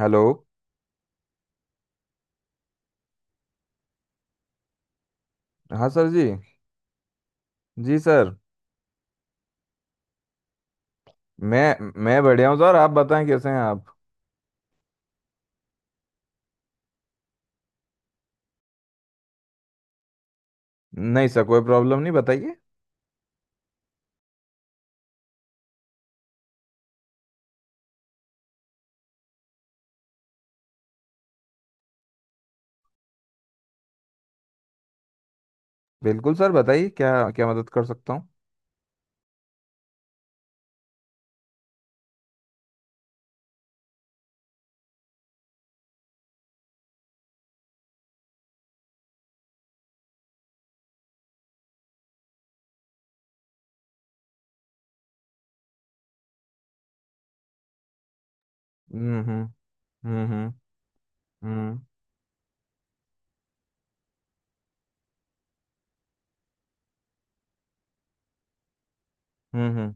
Hello. हाँ sir जी। जी सर। मैं बढ़िया हूँ सर, आप बताएं कैसे हैं आप। नहीं सर, कोई प्रॉब्लम नहीं, बताइए। बिल्कुल सर, बताइए क्या क्या मदद कर सकता हूँ। हम्म। हम्म। हम्म। हम्म। हम्म। हम्म, हम्म।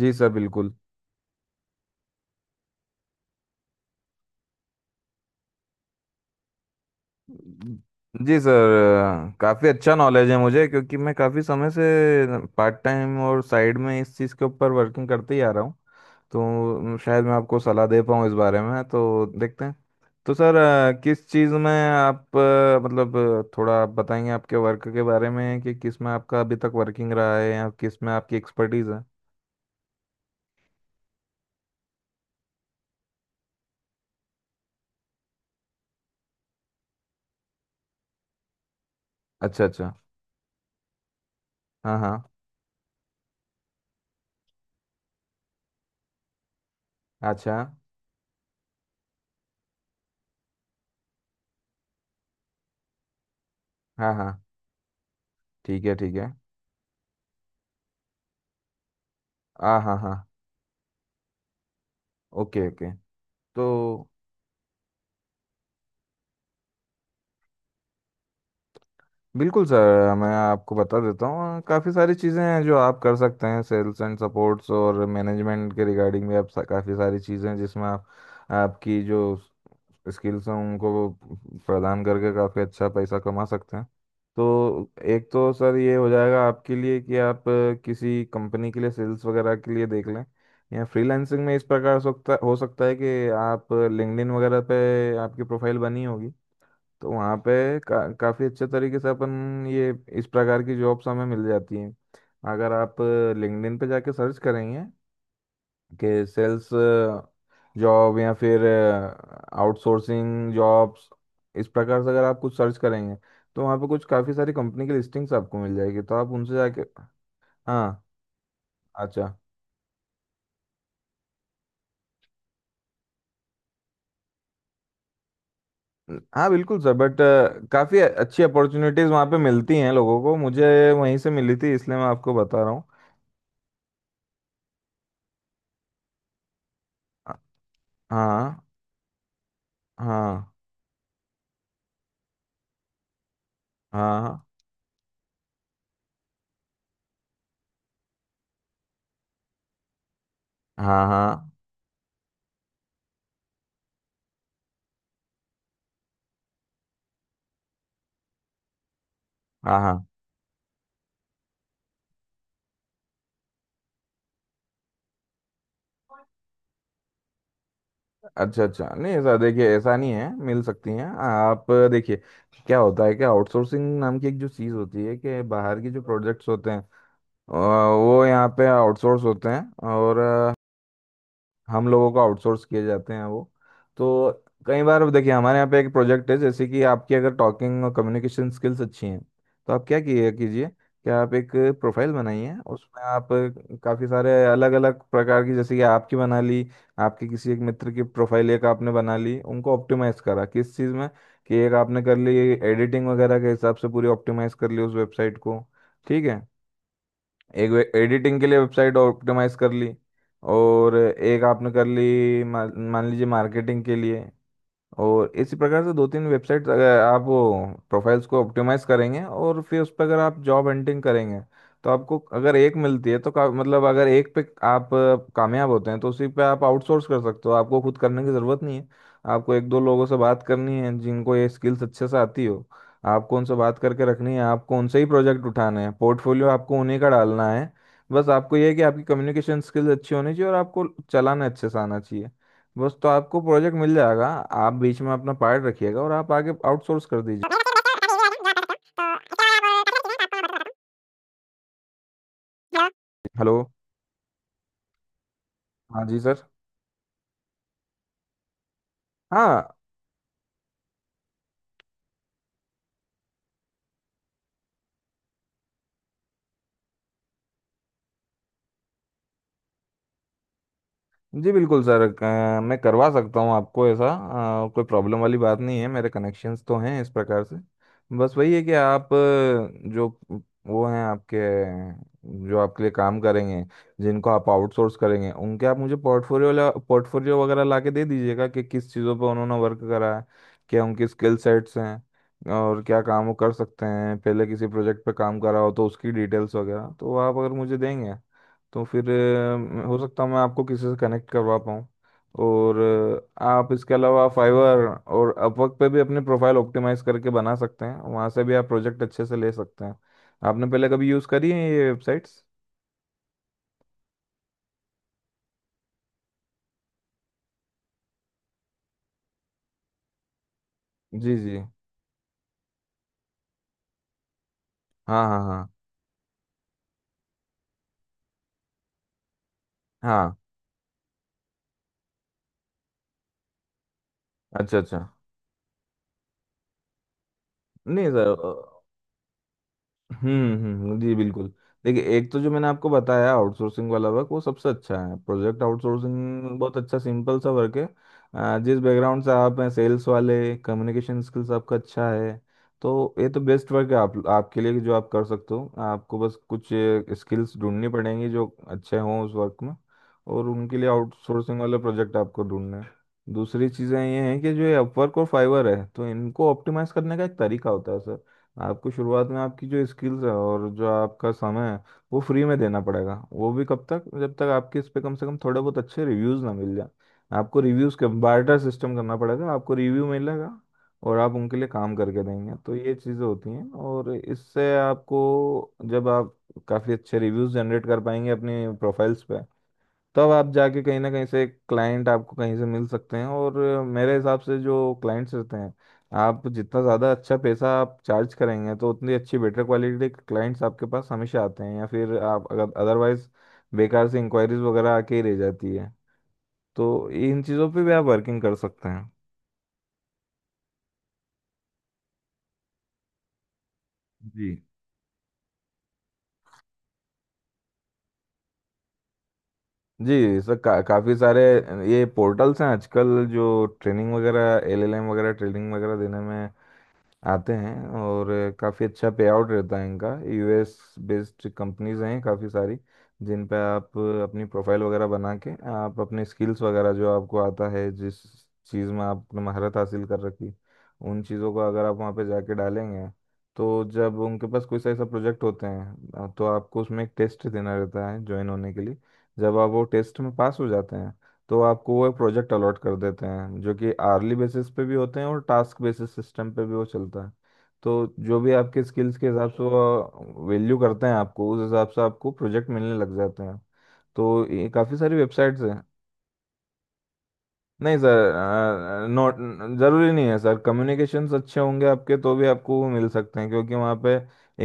जी सर बिल्कुल। जी सर, काफ़ी अच्छा नॉलेज है मुझे क्योंकि मैं काफ़ी समय से पार्ट टाइम और साइड में इस चीज़ के ऊपर वर्किंग करते ही आ रहा हूँ। तो शायद मैं आपको सलाह दे पाऊँ इस बारे में, तो देखते हैं। तो सर, किस चीज़ में आप, मतलब थोड़ा आप बताएंगे आपके वर्क के बारे में कि किस में आपका अभी तक वर्किंग रहा है या किस में आपकी एक्सपर्टीज़ है। अच्छा अच्छा। हाँ हाँ। अच्छा। हाँ हाँ। ठीक है ठीक है। हाँ हाँ हाँ। Okay okay. तो बिल्कुल सर, मैं आपको बता देता हूँ, काफ़ी सारी चीज़ें हैं जो आप कर सकते हैं। सेल्स एंड सपोर्ट्स और मैनेजमेंट के रिगार्डिंग भी आप काफ़ी सारी चीज़ें हैं जिसमें आप आपकी जो स्किल्स हम उनको प्रदान करके काफ़ी अच्छा पैसा कमा सकते हैं। तो एक तो सर ये हो जाएगा आपके लिए कि आप किसी कंपनी के लिए सेल्स वगैरह के लिए देख लें। या फ्रीलांसिंग में इस प्रकार हो सकता है कि आप लिंक्डइन वगैरह पे आपकी प्रोफाइल बनी होगी। तो वहाँ पे काफ़ी अच्छे तरीके से अपन ये इस प्रकार की जॉब्स हमें मिल जाती हैं। अगर आप लिंक्डइन पे जाके सर्च करेंगे के सेल्स जॉब या फिर आउटसोर्सिंग जॉब्स, इस प्रकार से अगर आप कुछ सर्च करेंगे तो वहाँ पे कुछ काफ़ी सारी कंपनी की लिस्टिंग्स आपको मिल जाएगी, तो आप उनसे जाके। हाँ। अच्छा। हाँ बिल्कुल सर, बट काफ़ी अच्छी अपॉर्चुनिटीज़ वहाँ पे मिलती हैं लोगों को, मुझे वहीं से मिली थी, इसलिए मैं आपको बता रहा हूँ। हाँ हाँ। हाँ हाँ। हाँ हाँ। हाँ हाँ। अच्छा अच्छा। नहीं, ऐसा देखिए, ऐसा नहीं है, मिल सकती हैं, आप देखिए क्या होता है कि आउटसोर्सिंग नाम की एक जो चीज़ होती है कि बाहर की जो प्रोजेक्ट्स होते हैं वो यहाँ पे आउटसोर्स होते हैं, और हम लोगों को आउटसोर्स किए जाते हैं वो। तो कई बार देखिए हमारे यहाँ पे एक प्रोजेक्ट है, जैसे कि आपकी अगर टॉकिंग और कम्युनिकेशन स्किल्स अच्छी हैं तो आप क्या किए कीजिए कि आप एक प्रोफाइल बनाइए, उसमें आप काफ़ी सारे अलग अलग प्रकार की, जैसे कि आपकी बना ली, आपके किसी एक मित्र की प्रोफाइल एक आपने बना ली, उनको ऑप्टिमाइज करा किस चीज़ में, कि एक आपने कर ली एडिटिंग वगैरह के हिसाब से पूरी ऑप्टिमाइज कर ली उस वेबसाइट को। ठीक है। एक एडिटिंग के लिए वेबसाइट ऑप्टिमाइज कर ली, और एक आपने कर ली मान मान लीजिए मार्केटिंग के लिए। और इसी प्रकार से दो तीन वेबसाइट अगर आप वो प्रोफाइल्स को ऑप्टिमाइज करेंगे और फिर उस पर अगर आप जॉब हंटिंग करेंगे तो आपको अगर एक मिलती है तो मतलब अगर एक पे आप कामयाब होते हैं तो उसी पे आप आउटसोर्स कर सकते हो, आपको खुद करने की ज़रूरत नहीं है। आपको एक दो लोगों से बात करनी है जिनको ये स्किल्स अच्छे से आती हो, आपको उनसे बात करके रखनी है, आपको उनसे ही प्रोजेक्ट उठाने हैं, पोर्टफोलियो आपको उन्हीं का डालना है। बस आपको ये है कि आपकी कम्युनिकेशन स्किल्स अच्छी होनी चाहिए और आपको चलाना अच्छे से आना चाहिए, बस तो आपको प्रोजेक्ट मिल जाएगा। आप बीच में अपना पार्ट रखिएगा और आप आगे आउटसोर्स कर दीजिए। हेलो। हाँ जी सर। हाँ। जी बिल्कुल सर, मैं करवा सकता हूँ आपको ऐसा, कोई प्रॉब्लम वाली बात नहीं है, मेरे कनेक्शंस तो हैं इस प्रकार से। बस वही है कि आप, जो वो हैं आपके, जो आपके लिए काम करेंगे जिनको आप आउटसोर्स करेंगे उनके आप मुझे पोर्टफोलियो पोर्टफोलियो वगैरह ला के दे दीजिएगा कि किस चीज़ों पर उन्होंने वर्क करा है, क्या उनकी स्किल सेट्स हैं और क्या काम वो कर सकते हैं, पहले किसी प्रोजेक्ट पे काम करा हो तो उसकी डिटेल्स वगैरह तो आप अगर मुझे देंगे तो फिर हो सकता है मैं आपको किसी से कनेक्ट करवा पाऊँ। और आप इसके अलावा फाइवर और अपवर्क पे भी अपने प्रोफाइल ऑप्टिमाइज करके बना सकते हैं, वहाँ से भी आप प्रोजेक्ट अच्छे से ले सकते हैं। आपने पहले कभी यूज़ करी है ये वेबसाइट्स? जी जी। हाँ हाँ हाँ। हाँ अच्छा अच्छा। नहीं सर। हम्म, जी बिल्कुल। देखिए, एक तो जो मैंने आपको बताया आउटसोर्सिंग वाला वर्क वो सबसे अच्छा है, प्रोजेक्ट आउटसोर्सिंग बहुत अच्छा सिंपल सा वर्क है। जिस बैकग्राउंड से आप हैं सेल्स वाले, कम्युनिकेशन स्किल्स आपका अच्छा है तो ये तो बेस्ट वर्क है आप आपके लिए, कि जो आप कर सकते हो आपको बस कुछ स्किल्स ढूंढनी पड़ेंगी जो अच्छे हों उस वर्क में, और उनके लिए आउटसोर्सिंग वाले प्रोजेक्ट आपको ढूंढना है। दूसरी चीज़ें ये हैं कि जो ये अपवर्क और फाइवर है तो इनको ऑप्टिमाइज करने का एक तरीका होता है। आपको शुरुआत में आपकी जो स्किल्स है और जो आपका समय है वो फ्री में देना पड़ेगा, वो भी कब तक जब तक आपके इस पे कम से कम थोड़े बहुत अच्छे रिव्यूज ना मिल जाए। आपको रिव्यूज के बार्टर सिस्टम करना पड़ेगा, आपको रिव्यू मिलेगा और आप उनके लिए काम करके देंगे, तो ये चीज़ें होती हैं। और इससे आपको जब आप काफ़ी अच्छे रिव्यूज जनरेट कर पाएंगे अपनी प्रोफाइल्स पे तब आप जाके कहीं ना कहीं से क्लाइंट आपको कहीं से मिल सकते हैं। और मेरे हिसाब से जो क्लाइंट्स रहते हैं, आप जितना ज़्यादा अच्छा पैसा आप चार्ज करेंगे तो उतनी अच्छी बेटर क्वालिटी के क्लाइंट्स आपके पास हमेशा आते हैं, या फिर आप अगर अदरवाइज बेकार से इंक्वायरीज वगैरह आके ही रह जाती है, तो इन चीज़ों पे भी आप वर्किंग कर सकते हैं। जी। जी सर काफ़ी सारे ये पोर्टल्स हैं आजकल जो ट्रेनिंग वगैरह एलएलएम वगैरह ट्रेनिंग वगैरह देने में आते हैं, और काफ़ी अच्छा पे आउट रहता है इनका। यूएस बेस्ड कंपनीज हैं काफ़ी सारी जिन पे आप अपनी प्रोफाइल वगैरह बना के आप अपने स्किल्स वगैरह जो आपको आता है जिस चीज़ में आपने महारत हासिल कर रखी उन चीज़ों को अगर आप वहाँ पे जाके डालेंगे तो जब उनके पास कोई सा ऐसा प्रोजेक्ट होते हैं तो आपको उसमें एक टेस्ट देना रहता है ज्वाइन होने के लिए। जब आप वो टेस्ट में पास हो जाते हैं तो आपको वो एक प्रोजेक्ट अलॉट कर देते हैं जो कि आर्ली बेसिस पे भी होते हैं और टास्क बेसिस सिस्टम पे भी वो चलता है। तो जो भी आपके स्किल्स के हिसाब से वो वैल्यू करते हैं आपको, उस हिसाब से आपको प्रोजेक्ट मिलने लग जाते हैं। तो ये काफ़ी सारी वेबसाइट्स हैं। नहीं सर, नॉट ज़रूरी नहीं है सर, कम्युनिकेशंस अच्छे होंगे आपके तो भी आपको वो मिल सकते हैं क्योंकि वहाँ पे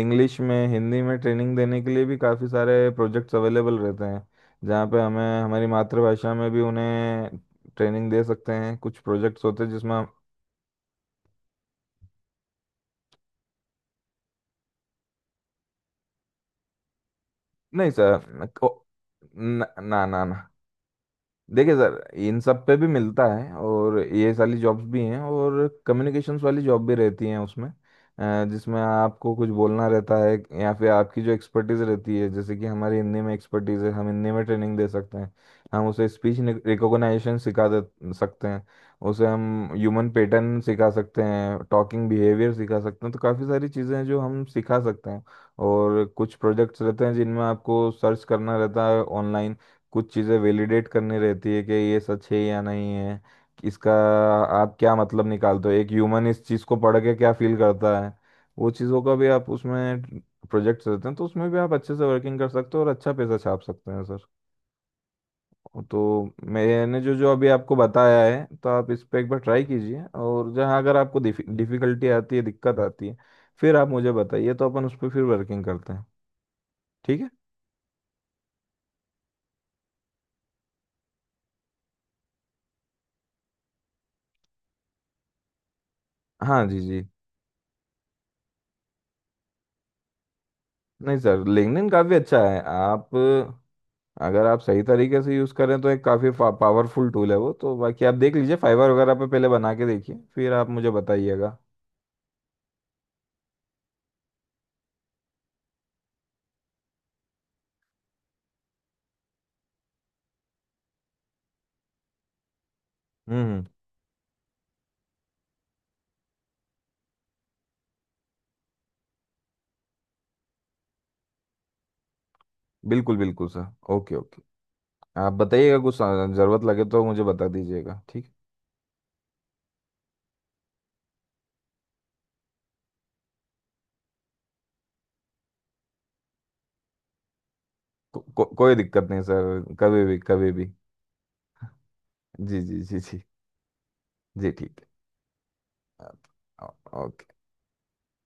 इंग्लिश में, हिंदी में ट्रेनिंग देने के लिए भी काफ़ी सारे प्रोजेक्ट्स अवेलेबल रहते हैं, जहाँ पे हमें हमारी मातृभाषा में भी उन्हें ट्रेनिंग दे सकते हैं। कुछ प्रोजेक्ट्स होते हैं जिसमें नहीं सर, ना ना ना, देखिए सर, इन सब पे भी मिलता है और ये सारी जॉब्स भी हैं और कम्युनिकेशंस वाली जॉब भी रहती हैं उसमें, जिसमें आपको कुछ बोलना रहता है, या फिर आपकी जो एक्सपर्टीज़ रहती है जैसे कि हमारी हिंदी में एक्सपर्टीज़ है, हम हिंदी में ट्रेनिंग दे सकते हैं, हम उसे स्पीच रिकॉग्नाइजेशन सिखा दे सकते हैं, उसे हम ह्यूमन पैटर्न सिखा सकते हैं, टॉकिंग बिहेवियर सिखा सकते हैं, तो काफ़ी सारी चीज़ें हैं जो हम सिखा सकते हैं। और कुछ प्रोजेक्ट्स रहते हैं जिनमें आपको सर्च करना रहता है ऑनलाइन, कुछ चीज़ें वैलिडेट करनी रहती है कि ये सच है या नहीं है, कि इसका आप क्या मतलब निकालते हो, एक ह्यूमन इस चीज़ को पढ़ के क्या फील करता है, वो चीज़ों का भी आप उसमें प्रोजेक्ट्स रहते हैं, तो उसमें भी आप अच्छे से वर्किंग कर सकते हो और अच्छा पैसा छाप सकते हैं सर। तो मैंने जो जो अभी आपको बताया है तो आप इस पर एक बार ट्राई कीजिए, और जहाँ अगर आपको डिफ़िकल्टी आती है दिक्कत आती है फिर आप मुझे बताइए तो अपन उस पर फिर वर्किंग करते हैं। ठीक है। हाँ जी जी। नहीं सर लिंक्डइन काफ़ी अच्छा है, आप अगर आप सही तरीके से यूज़ करें तो एक काफ़ी पावरफुल टूल है वो, तो बाकी आप देख लीजिए फाइवर वगैरह पे पहले बना के देखिए फिर आप मुझे बताइएगा। हम्म। बिल्कुल बिल्कुल सर। Okay okay. आप बताइएगा कुछ ज़रूरत लगे तो मुझे बता दीजिएगा, ठीक? कोई दिक्कत नहीं सर, कभी भी कभी भी। जी जी जी जी। जी ठीक है। ओके।